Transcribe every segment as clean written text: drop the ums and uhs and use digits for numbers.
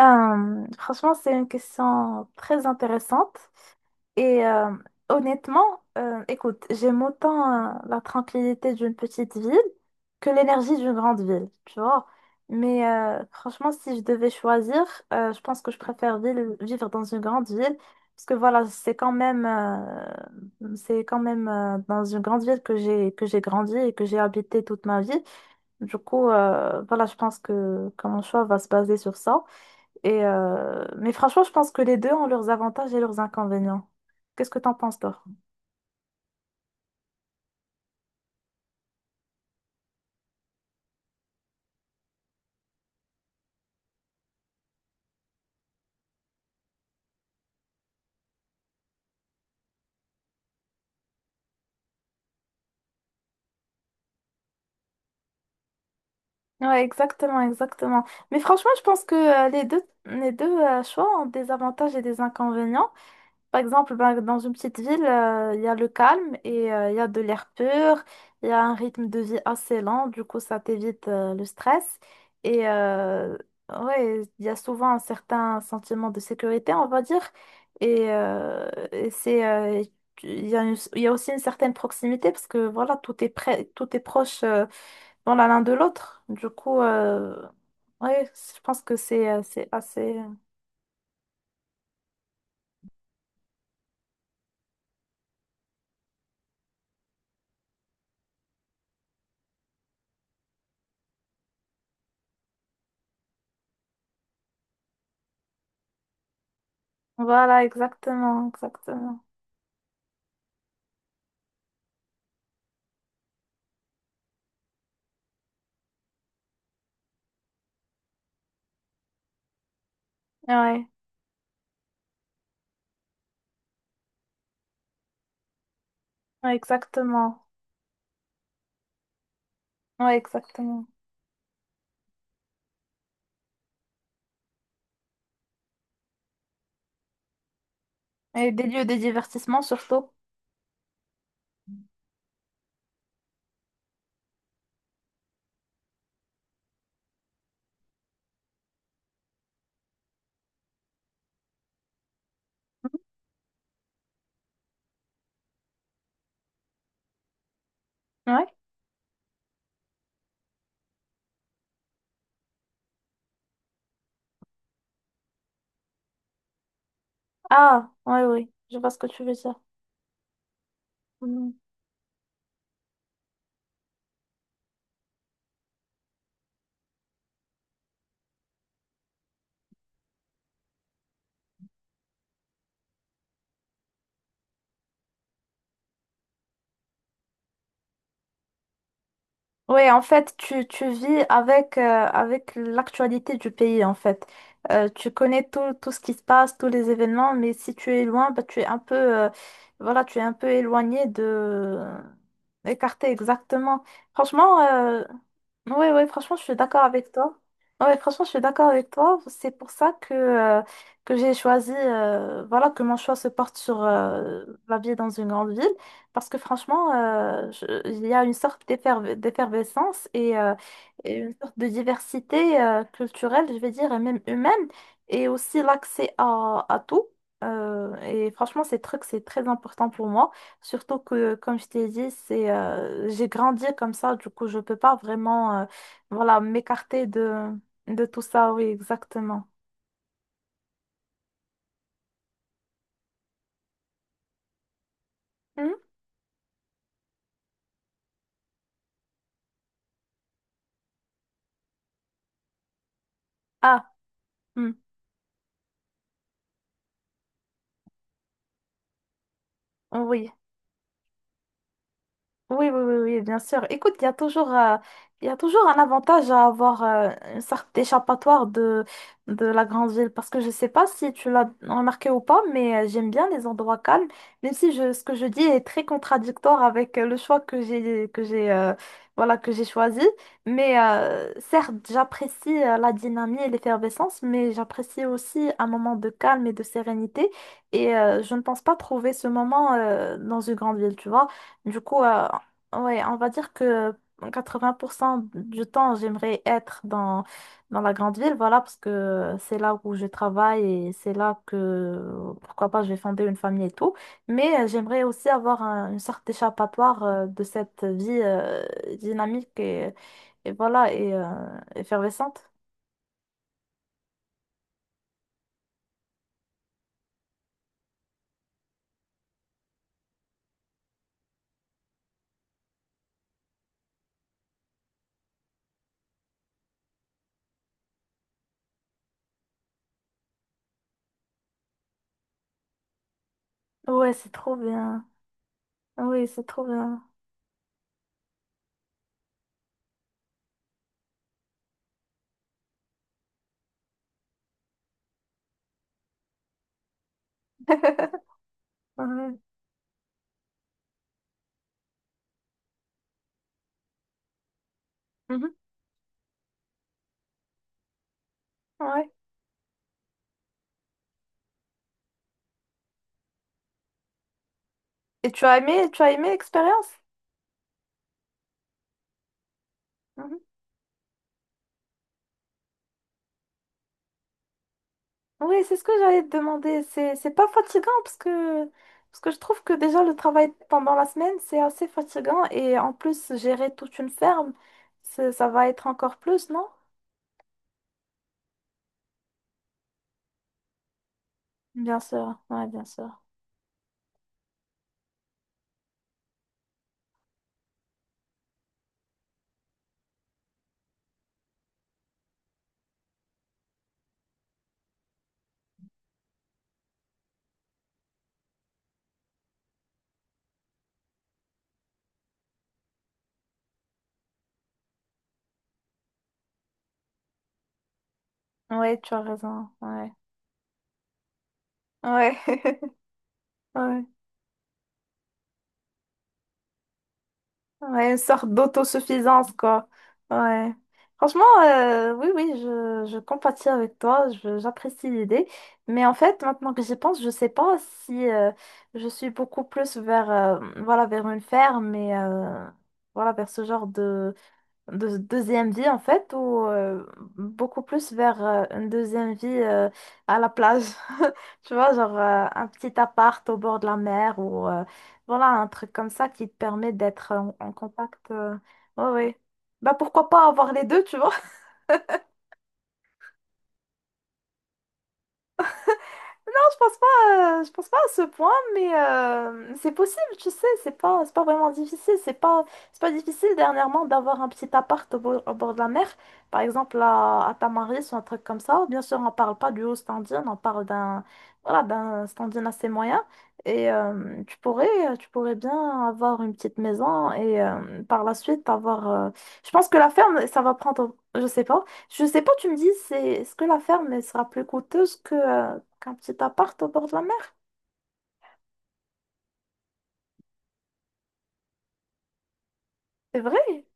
Franchement, c'est une question très intéressante. Et euh, Honnêtement, écoute, j'aime autant la tranquillité d'une petite ville que l'énergie d'une grande ville, tu vois. Mais franchement, si je devais choisir, je pense que je préfère vivre dans une grande ville. Parce que voilà, c'est quand même dans une grande ville que j'ai grandi et que j'ai habité toute ma vie. Du coup, voilà, je pense que mon choix va se baser sur ça. Mais franchement, je pense que les deux ont leurs avantages et leurs inconvénients. Qu'est-ce que t'en penses, toi? Ouais, exactement, exactement. Mais franchement, je pense que les deux choix ont des avantages et des inconvénients. Par exemple, ben, dans une petite ville, il y a le calme et il y a de l'air pur, il y a un rythme de vie assez lent, du coup ça t'évite le stress. Et euh, ouais, il y a souvent un certain sentiment de sécurité, on va dire. Et, euh, et c'est, euh, il y a aussi une certaine proximité parce que voilà, tout est près, tout est proche dans la l'un de l'autre. Du coup, ouais, je pense que c'est assez. Voilà, exactement, exactement. Ouais. Ouais, exactement. Ouais, exactement. Et des lieux de divertissement surtout. Mhm. Ouais. Ah, ouais, oui. Je vois ce que tu veux dire. Mhm. Oui, en fait, tu vis avec l'actualité du pays, en fait. Tu connais tout, tout ce qui se passe, tous les événements, mais si tu es loin, bah, tu es un peu, voilà, tu es un peu éloigné de. Écarté, exactement. Franchement, oui, oui, franchement, je suis d'accord avec toi. Ouais, franchement, je suis d'accord avec toi. C'est pour ça que j'ai choisi, voilà, que mon choix se porte sur la vie dans une grande ville. Parce que franchement, il y a une sorte d'effervescence et une sorte de diversité culturelle, je vais dire, et même humaine, et aussi l'accès à tout. Et franchement, ces trucs, c'est très important pour moi. Surtout que, comme je t'ai dit, j'ai grandi comme ça, du coup, je peux pas vraiment, voilà, m'écarter de tout ça. Oui, exactement. Hmm. Ah, hmm, oui. Oui, oui, oui, oui, bien sûr. Écoute, il y a toujours, il y a toujours un avantage à avoir une sorte d'échappatoire de la grande ville. Parce que je sais pas si tu l'as remarqué ou pas, mais j'aime bien les endroits calmes, même si ce que je dis est très contradictoire avec le choix voilà, que j'ai choisi. Mais certes, j'apprécie la dynamique et l'effervescence, mais j'apprécie aussi un moment de calme et de sérénité. Je ne pense pas trouver ce moment dans une grande ville, tu vois. Du coup, ouais, on va dire que 80% du temps, j'aimerais être dans la grande ville, voilà, parce que c'est là où je travaille et c'est là que, pourquoi pas, je vais fonder une famille et tout. Mais j'aimerais aussi avoir une sorte d'échappatoire de cette vie dynamique et voilà, effervescente. Ouais, c'est trop bien. Oui, c'est trop bien. Ouais. Mhm. Ouais. Et tu as aimé l'expérience? Oui, c'est ce que j'allais te demander. C'est pas fatigant parce que je trouve que déjà le travail pendant la semaine, c'est assez fatigant et en plus, gérer toute une ferme, ça va être encore plus, non? Bien sûr, ouais, bien sûr. Oui, tu as raison. Ouais. Ouais. Ouais. Ouais, une sorte d'autosuffisance, quoi. Ouais. Franchement, oui, oui, je compatis avec toi, j'apprécie l'idée. Mais en fait, maintenant que j'y pense, je sais pas si je suis beaucoup plus voilà, vers une ferme mais voilà, vers ce genre de deuxième vie en fait ou beaucoup plus vers une deuxième vie à la plage. Tu vois, genre un petit appart au bord de la mer ou voilà, un truc comme ça qui te permet d'être en contact. Oui, ouais, ouais, bah pourquoi pas avoir les deux, tu vois. Non, je pense pas à ce point, mais c'est possible, tu sais, c'est pas vraiment difficile, c'est pas difficile dernièrement d'avoir un petit appart au bord de la mer, par exemple à Tamaris ou un truc comme ça. Bien sûr, on parle pas du haut standing, on parle voilà, d'un standing assez moyen, et tu pourrais bien avoir une petite maison et par la suite avoir, je pense que la ferme, ça va prendre, je sais pas. Je sais pas, tu me dis, c'est est-ce que la ferme elle sera plus coûteuse que qu'un petit appart au bord de la mer? C'est vrai?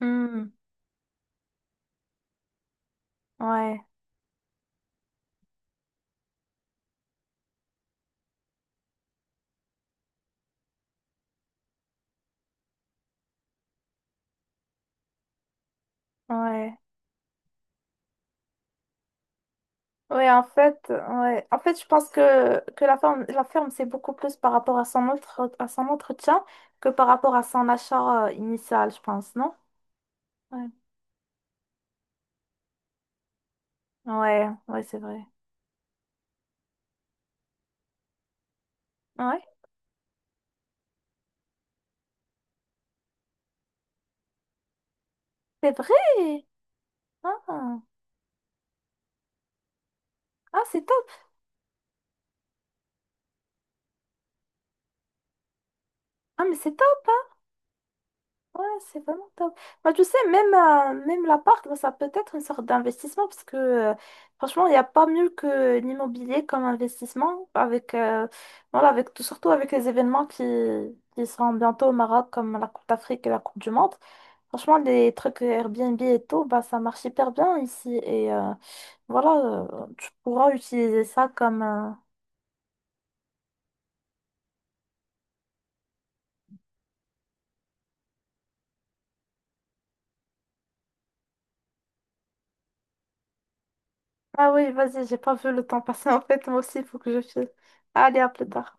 Hmm, ouais, ouais. Ouais. En fait, je pense que la ferme, c'est beaucoup plus par rapport à son à son entretien que par rapport à son achat initial, je pense, non? Ouais, ouais, ouais, c'est vrai. Ouais, c'est vrai. Ah, ah c'est top. Ah, mais c'est top. Ouais, c'est vraiment top. Bah, tu sais, même l'appart, bah, ça peut être une sorte d'investissement parce que franchement, il n'y a pas mieux que l'immobilier comme investissement voilà, avec tout, surtout avec les événements qui seront bientôt au Maroc comme la Coupe d'Afrique et la Coupe du Monde. Franchement, les trucs Airbnb et tout, bah, ça marche hyper bien ici voilà, tu pourras utiliser ça comme. Ah oui, vas-y, j'ai pas vu le temps passer en fait, moi aussi, il faut que je file. Allez, à plus tard.